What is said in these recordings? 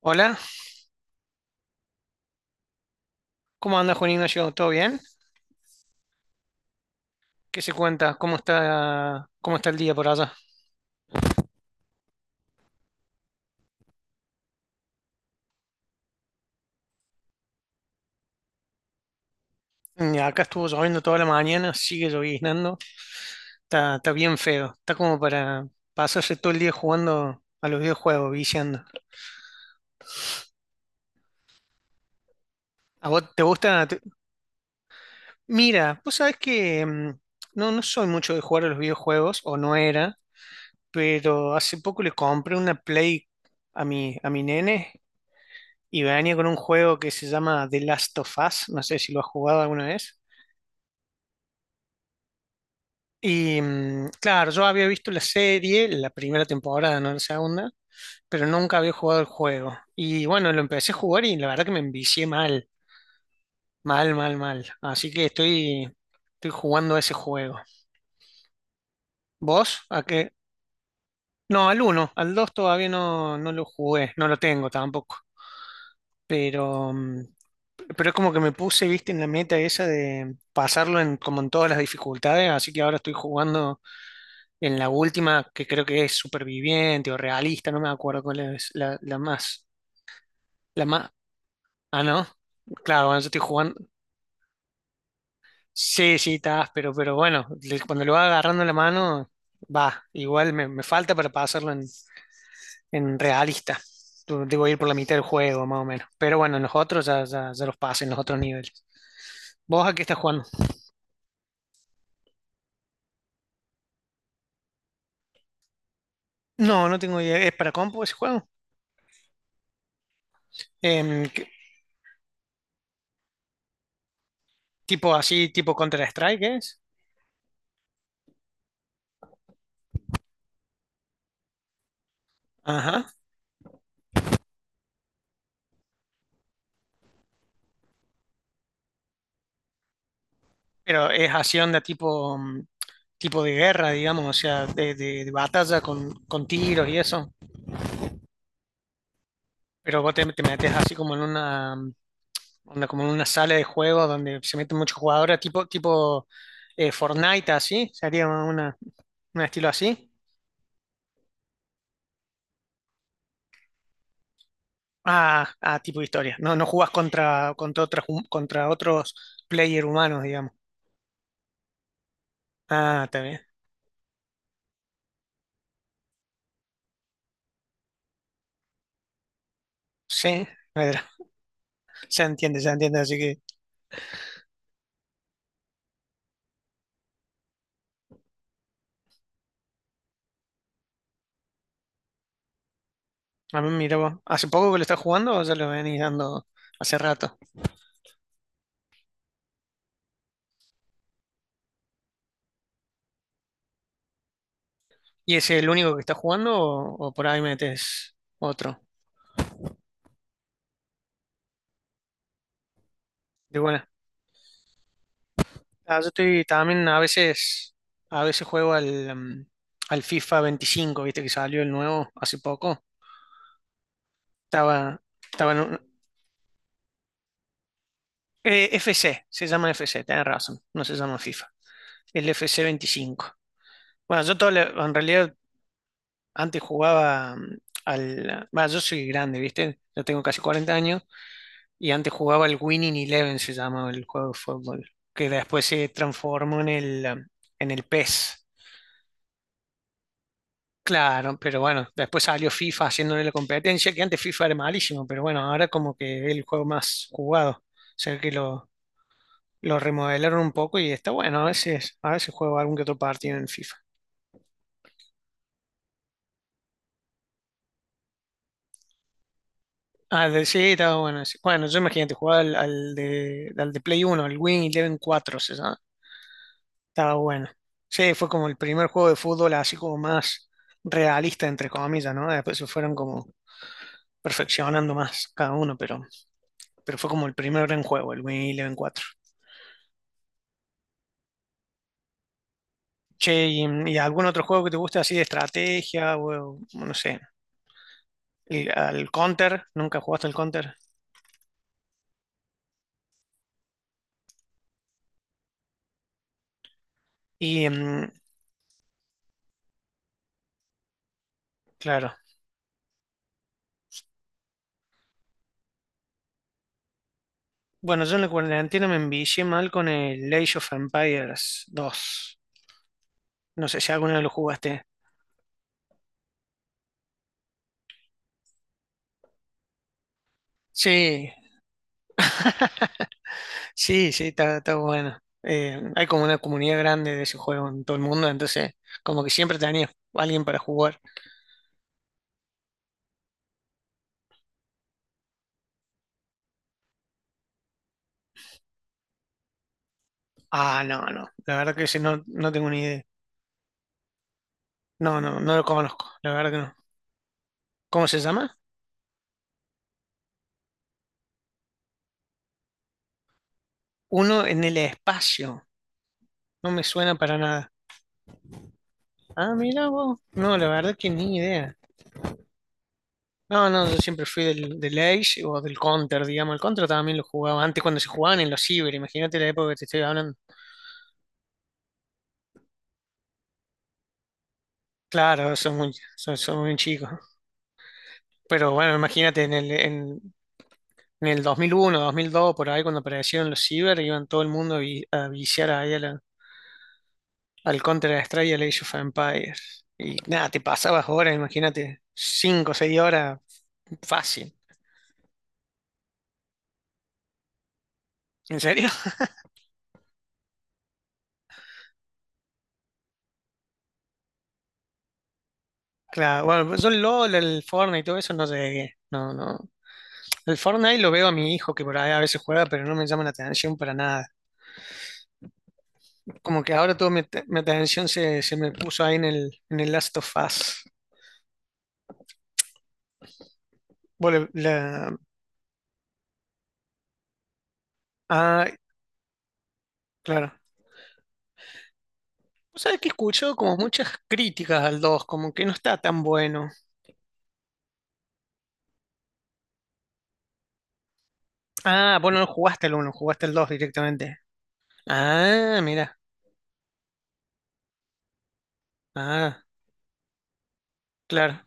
Hola, ¿cómo anda Juan Ignacio? ¿Todo bien? ¿Qué se cuenta? ¿Cómo está el día por allá? Acá estuvo lloviendo toda la mañana, sigue lloviznando, está bien feo, está como para pasarse todo el día jugando a los videojuegos, viciando. ¿A vos te gusta? Mira, vos sabés que no soy mucho de jugar a los videojuegos, o no era, pero hace poco le compré una Play a mi nene y venía con un juego que se llama The Last of Us, no sé si lo has jugado alguna vez. Y claro, yo había visto la serie, la primera temporada, no la segunda, pero nunca había jugado el juego. Y bueno, lo empecé a jugar y la verdad que me envicié mal, mal, mal, mal. Así que estoy jugando ese juego. ¿Vos? ¿A qué? No, al uno al 2 todavía no, no lo jugué, no lo tengo tampoco. Pero, pero es como que me puse, viste, en la meta esa de pasarlo en, como en todas las dificultades, así que ahora estoy jugando en la última, que creo que es superviviente o realista, no me acuerdo cuál es la más. La más. Ah, no. Claro, bueno, yo estoy jugando. Sí, sí, estás, pero bueno, cuando lo va agarrando la mano, va. Igual me falta para pasarlo en realista. Debo ir por la mitad del juego, más o menos. Pero bueno, en los otros ya los pasé en los otros niveles. ¿Vos a qué estás jugando? No, no tengo idea. ¿Es para compu ese juego? Em, ¿qué- ¿Tipo así, tipo Counter-Strike es? Ajá. Pero es acción de tipo, tipo de guerra, digamos, o sea, de batalla con tiros y eso. Pero vos te metes así como en una, onda, como en una sala de juego donde se meten muchos jugadores, tipo, Fortnite, así, sería una, un estilo así. Ah, tipo de historia. No, no jugás contra contra otros player humanos, digamos. Ah, está bien. Sí, Pedro, se entiende, así que a mí mira vos. ¿Hace poco que lo estás jugando o ya lo venís dando hace rato? ¿Y es el único que está jugando o por ahí metes otro? De buena. Ah, yo estoy también a veces juego al, al FIFA 25, viste que salió el nuevo hace poco. Estaba, estaba en un FC, se llama FC, tenés razón, no se llama FIFA. El FC 25. Bueno, yo todo, en realidad antes jugaba al... Bueno, yo soy grande, viste, yo tengo casi 40 años. Y antes jugaba el Winning Eleven, se llamaba el juego de fútbol, que después se transformó en el, en el PES. Claro, pero bueno, después salió FIFA haciéndole la competencia, que antes FIFA era malísimo, pero bueno, ahora como que es el juego más jugado. O sea que lo remodelaron un poco y está bueno, a veces juego algún que otro partido en FIFA. Ah, de, sí, está bueno. Sí. Bueno, yo imagínate, jugaba al de, al de Play Uno, el Win Eleven cuatro se llama. Estaba bueno. Sí, fue como el primer juego de fútbol así como más realista, entre comillas, ¿no? Después se fueron como perfeccionando más cada uno, pero fue como el primer gran juego, el Win Eleven cuatro. Che, ¿y, y algún otro juego que te guste así de estrategia o no sé, el, al Counter? ¿Nunca jugaste al Counter? Y claro. Bueno, yo en la cuarentena me envicié mal con el Age of Empires dos. No sé si alguna vez lo jugaste. Sí, sí, sí, está, está bueno. Hay como una comunidad grande de ese juego en todo el mundo, entonces como que siempre tenía alguien para jugar. Ah, no, no, la verdad que ese no tengo ni idea. No, no, no lo conozco, la verdad que no. ¿Cómo se llama? Uno en el espacio. No me suena para nada. Ah, mira vos. No, la verdad que ni idea. No, no, yo siempre fui del Age o del Counter, digamos. El Counter también lo jugaba antes cuando se jugaban en los ciber. Imagínate la época que te estoy hablando. Claro, son muy, son muy chicos. Pero bueno, imagínate en el 2001, 2002, por ahí cuando aparecieron los ciber, iban todo el mundo a viciar ahí a al Counter-Strike y al Age of Empires. Y nada, te pasabas horas, imagínate, 5 o 6 horas, fácil. ¿En serio? Claro, bueno, yo el LOL, el Fortnite y todo eso no llegué. No, no. El Fortnite lo veo a mi hijo que por ahí a veces juega, pero no me llama la atención para nada. Como que ahora toda mi atención se me puso ahí en el Last of Us. Bueno, la... Ah, claro. Vos sabés que escucho como muchas críticas al 2, como que no está tan bueno. Ah, vos no jugaste el uno, jugaste el 2 directamente. Ah, mira. Ah, claro,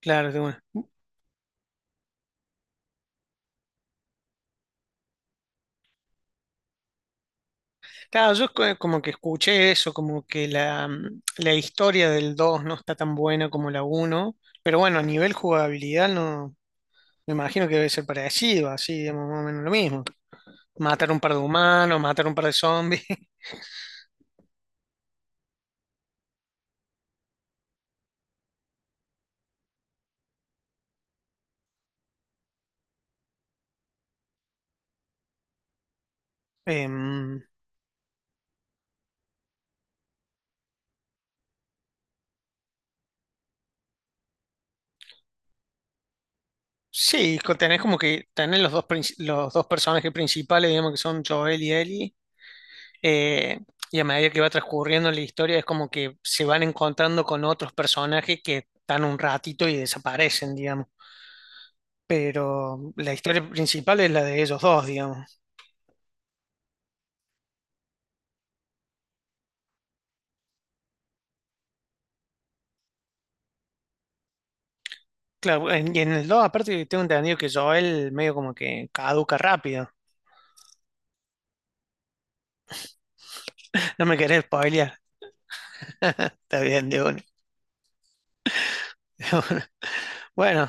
claro, de una. Claro, yo como que escuché eso, como que la, la historia del 2 no está tan buena como la uno, pero bueno, a nivel jugabilidad no, me imagino que debe ser parecido, así, digamos, más o menos lo mismo. Matar un par de humanos, matar un par de zombies. Em, sí, tenés como que tenés los dos, los dos personajes principales, digamos que son Joel y Ellie, eh, y a medida que va transcurriendo la historia es como que se van encontrando con otros personajes que están un ratito y desaparecen, digamos. Pero la historia principal es la de ellos dos, digamos. Claro, y en el 2 aparte tengo entendido que Joel medio como que caduca rápido. No me querés spoilear. Está bien, de una. Bueno,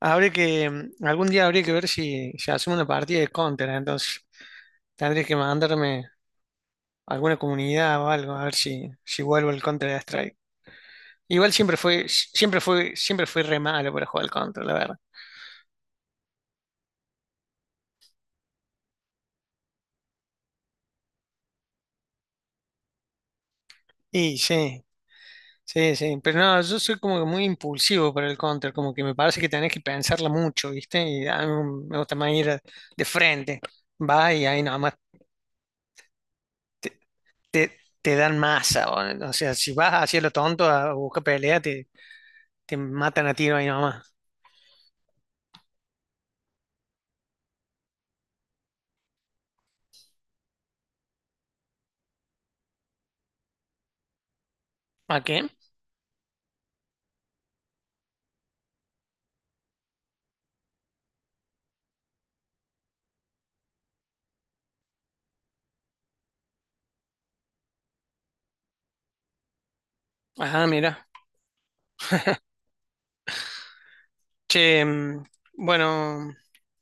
habría que, algún día habría que ver si hacemos una partida de Counter, entonces tendría que mandarme a alguna comunidad o algo, a ver si vuelvo al Counter Strike. Igual siempre fue, si, siempre fue, siempre fui re malo para jugar al Counter, la verdad. Y sí, sí, sí. Pero no, yo soy como que muy impulsivo para el Counter, como que me parece que tenés que pensarla mucho, ¿viste? Y a mí me gusta más ir de frente. Va y ahí nomás te, te dan masa. O sea, si vas hacia lo tonto a buscar pelea, te matan a tiro ahí nomás. ¿A qué? Ajá, mira. Che, bueno,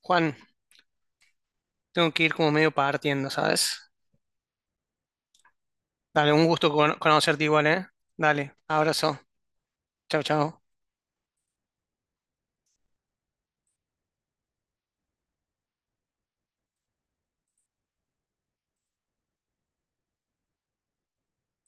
Juan, tengo que ir como medio partiendo, ¿sabes? Dale, un gusto conocerte igual, ¿eh? Dale, abrazo. Chao, chao.